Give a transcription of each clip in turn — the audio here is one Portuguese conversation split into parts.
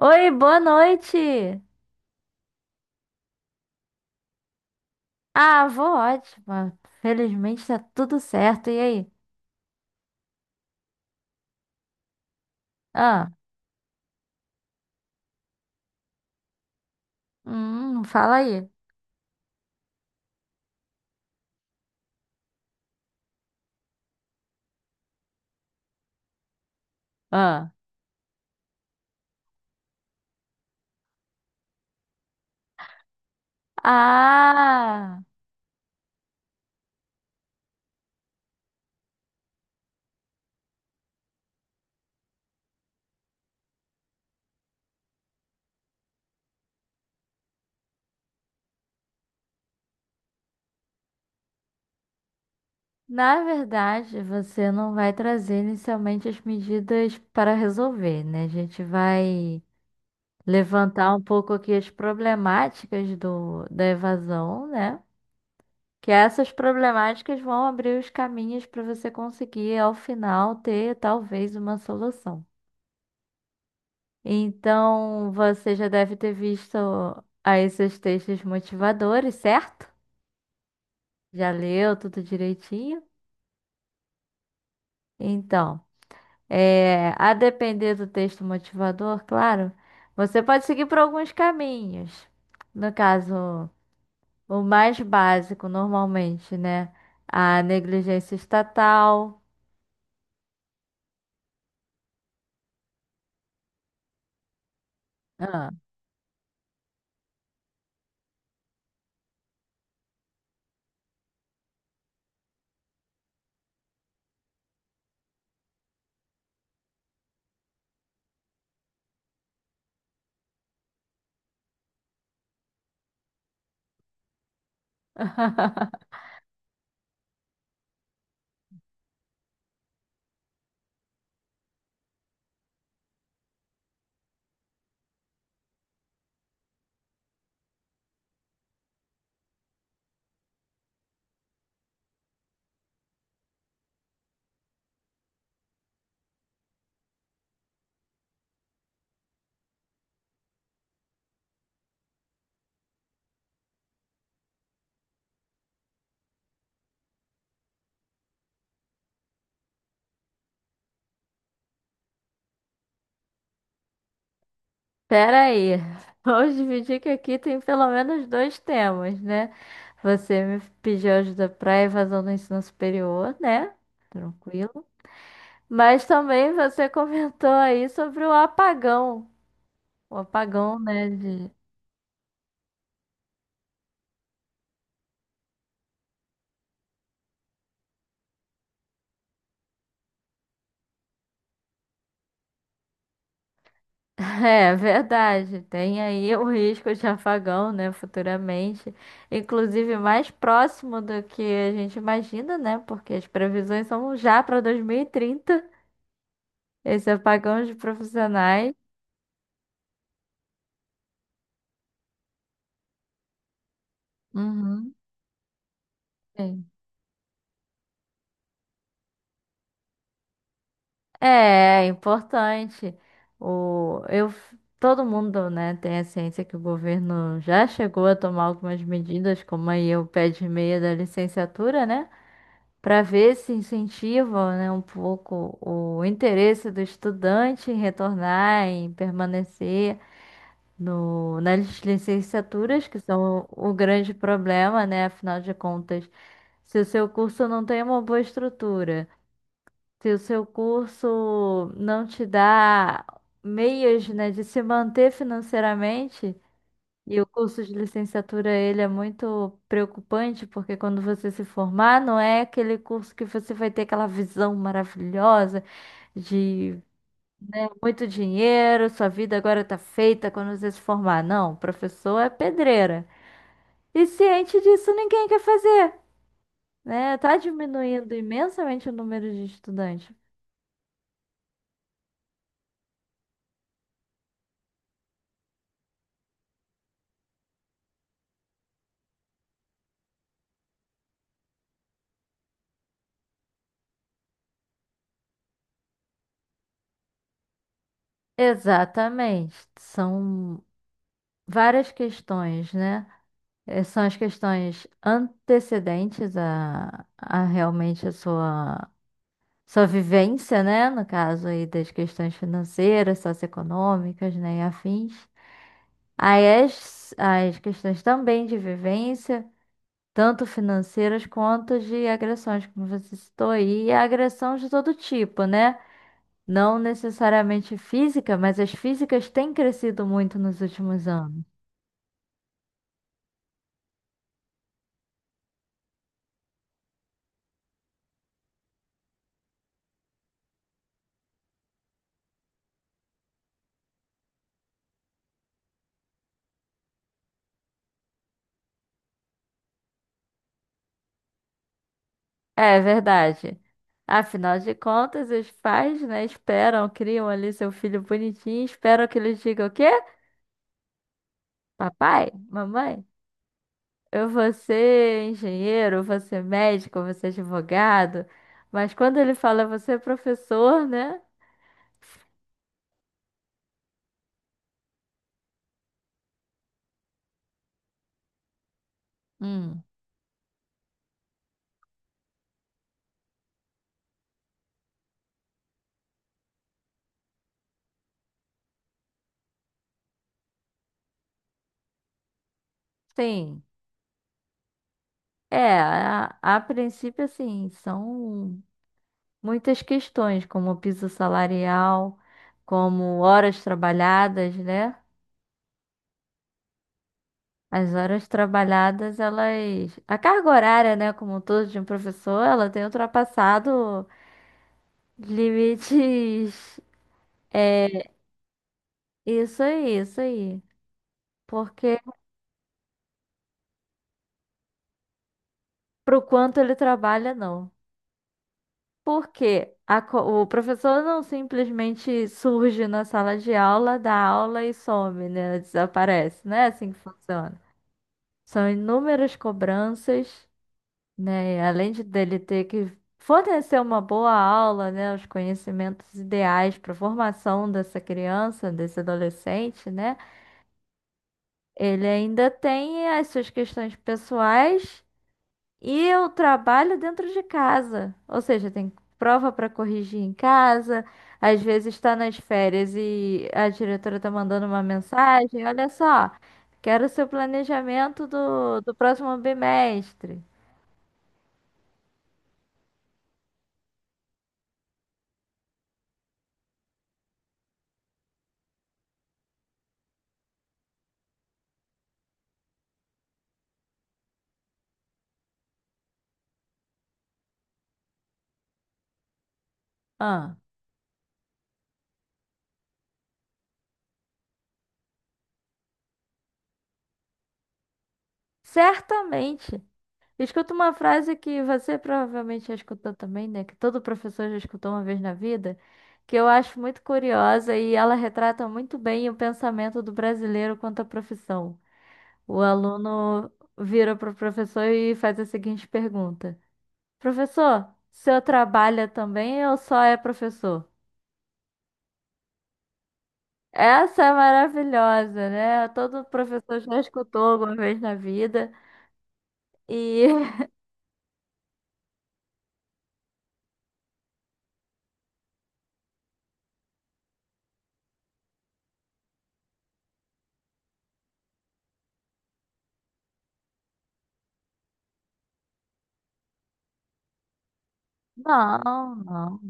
Oi, boa noite. Ah, vou ótima. Felizmente tá tudo certo. E aí? Ah, fala aí. Ah. Ah, na verdade, você não vai trazer inicialmente as medidas para resolver, né? A gente vai levantar um pouco aqui as problemáticas da evasão, né? Que essas problemáticas vão abrir os caminhos para você conseguir, ao final, ter talvez uma solução. Então, você já deve ter visto aí seus textos motivadores, certo? Já leu tudo direitinho? Então, é, a depender do texto motivador, claro, você pode seguir por alguns caminhos. No caso, o mais básico, normalmente, né? A negligência estatal. Ah. Pera aí, vamos dividir que aqui tem pelo menos dois temas, né? Você me pediu ajuda para evasão do ensino superior, né? Tranquilo. Mas também você comentou aí sobre o apagão. O apagão, né? De... É verdade, tem aí o risco de apagão, né? Futuramente. Inclusive mais próximo do que a gente imagina, né? Porque as previsões são já para 2030, esse apagão de profissionais. Uhum. Sim. É, é importante. O, eu, todo mundo, né, tem a ciência que o governo já chegou a tomar algumas medidas, como aí o pé de meia da licenciatura, né, para ver se incentiva, né, um pouco o interesse do estudante em retornar, em permanecer no, nas licenciaturas, que são o grande problema, né, afinal de contas, se o seu curso não tem uma boa estrutura. Se o seu curso não te dá meios, né, de se manter financeiramente, e o curso de licenciatura ele é muito preocupante, porque quando você se formar, não é aquele curso que você vai ter aquela visão maravilhosa de muito dinheiro, sua vida agora tá feita quando você se formar. Não, o professor é pedreira. E ciente disso, ninguém quer fazer, né? Tá diminuindo imensamente o número de estudantes. Exatamente. São várias questões, né? São as questões antecedentes a realmente a sua, sua vivência, né? No caso aí das questões financeiras, socioeconômicas, né? E afins. Aí as questões também de vivência, tanto financeiras quanto de agressões, como você citou aí, e agressão de todo tipo, né? Não necessariamente física, mas as físicas têm crescido muito nos últimos anos. É verdade. Afinal de contas, os pais, né, esperam, criam ali seu filho bonitinho, esperam que ele diga o quê? Papai, mamãe, eu vou ser engenheiro, eu vou ser médico, eu vou ser advogado. Mas quando ele fala, você é professor, né? Hum, sim. É, a princípio, assim, são muitas questões, como o piso salarial, como horas trabalhadas, né? As horas trabalhadas, elas. A carga horária, né, como um todo de um professor, ela tem ultrapassado limites. É, isso aí, isso aí. Porque pro quanto ele trabalha, não. Porque o professor não simplesmente surge na sala de aula, dá aula e some, né? Desaparece. Não é assim que funciona. São inúmeras cobranças, né? E além de dele ter que fornecer uma boa aula, né? Os conhecimentos ideais para a formação dessa criança, desse adolescente, né? Ele ainda tem as suas questões pessoais e o trabalho dentro de casa. Ou seja, tem prova para corrigir em casa. Às vezes está nas férias e a diretora está mandando uma mensagem. Olha só, quero o seu planejamento do próximo bimestre. Ah, certamente. Escuta uma frase que você provavelmente já escutou também, né? Que todo professor já escutou uma vez na vida, que eu acho muito curiosa e ela retrata muito bem o pensamento do brasileiro quanto à profissão. O aluno vira para o professor e faz a seguinte pergunta: professor, o senhor trabalha também ou só é professor? Essa é maravilhosa, né? Todo professor já escutou alguma vez na vida. E não, não.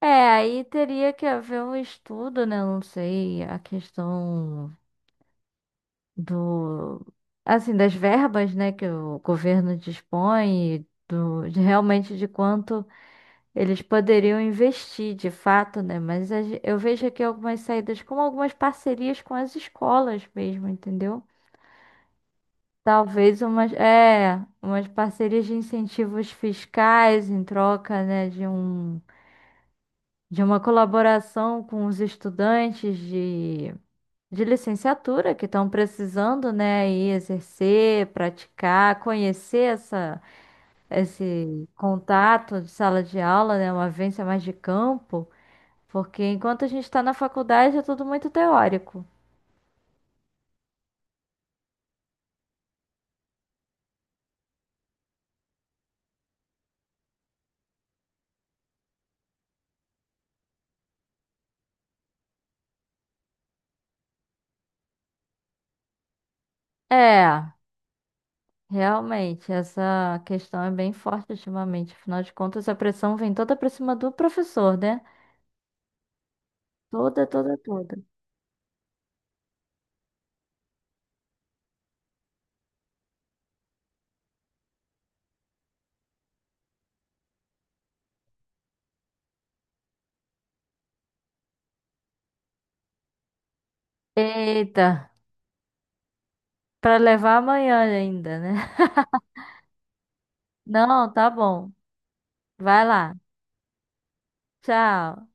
É, aí teria que haver um estudo, né? Não sei, a questão do, assim, das verbas, né, que o governo dispõe, e do, de realmente de quanto eles poderiam investir, de fato, né? Mas eu vejo aqui algumas saídas, como algumas parcerias com as escolas mesmo, entendeu? Talvez umas, é, umas parcerias de incentivos fiscais em troca, né, de um, de uma colaboração com os estudantes de licenciatura que estão precisando, né, aí exercer, praticar, conhecer essa, esse contato de sala de aula, né, uma vivência mais de campo, porque enquanto a gente está na faculdade é tudo muito teórico. É, realmente, essa questão é bem forte ultimamente. Afinal de contas, a pressão vem toda para cima do professor, né? Toda, toda, toda. Eita, para levar amanhã ainda, né? Não, tá bom. Vai lá. Tchau.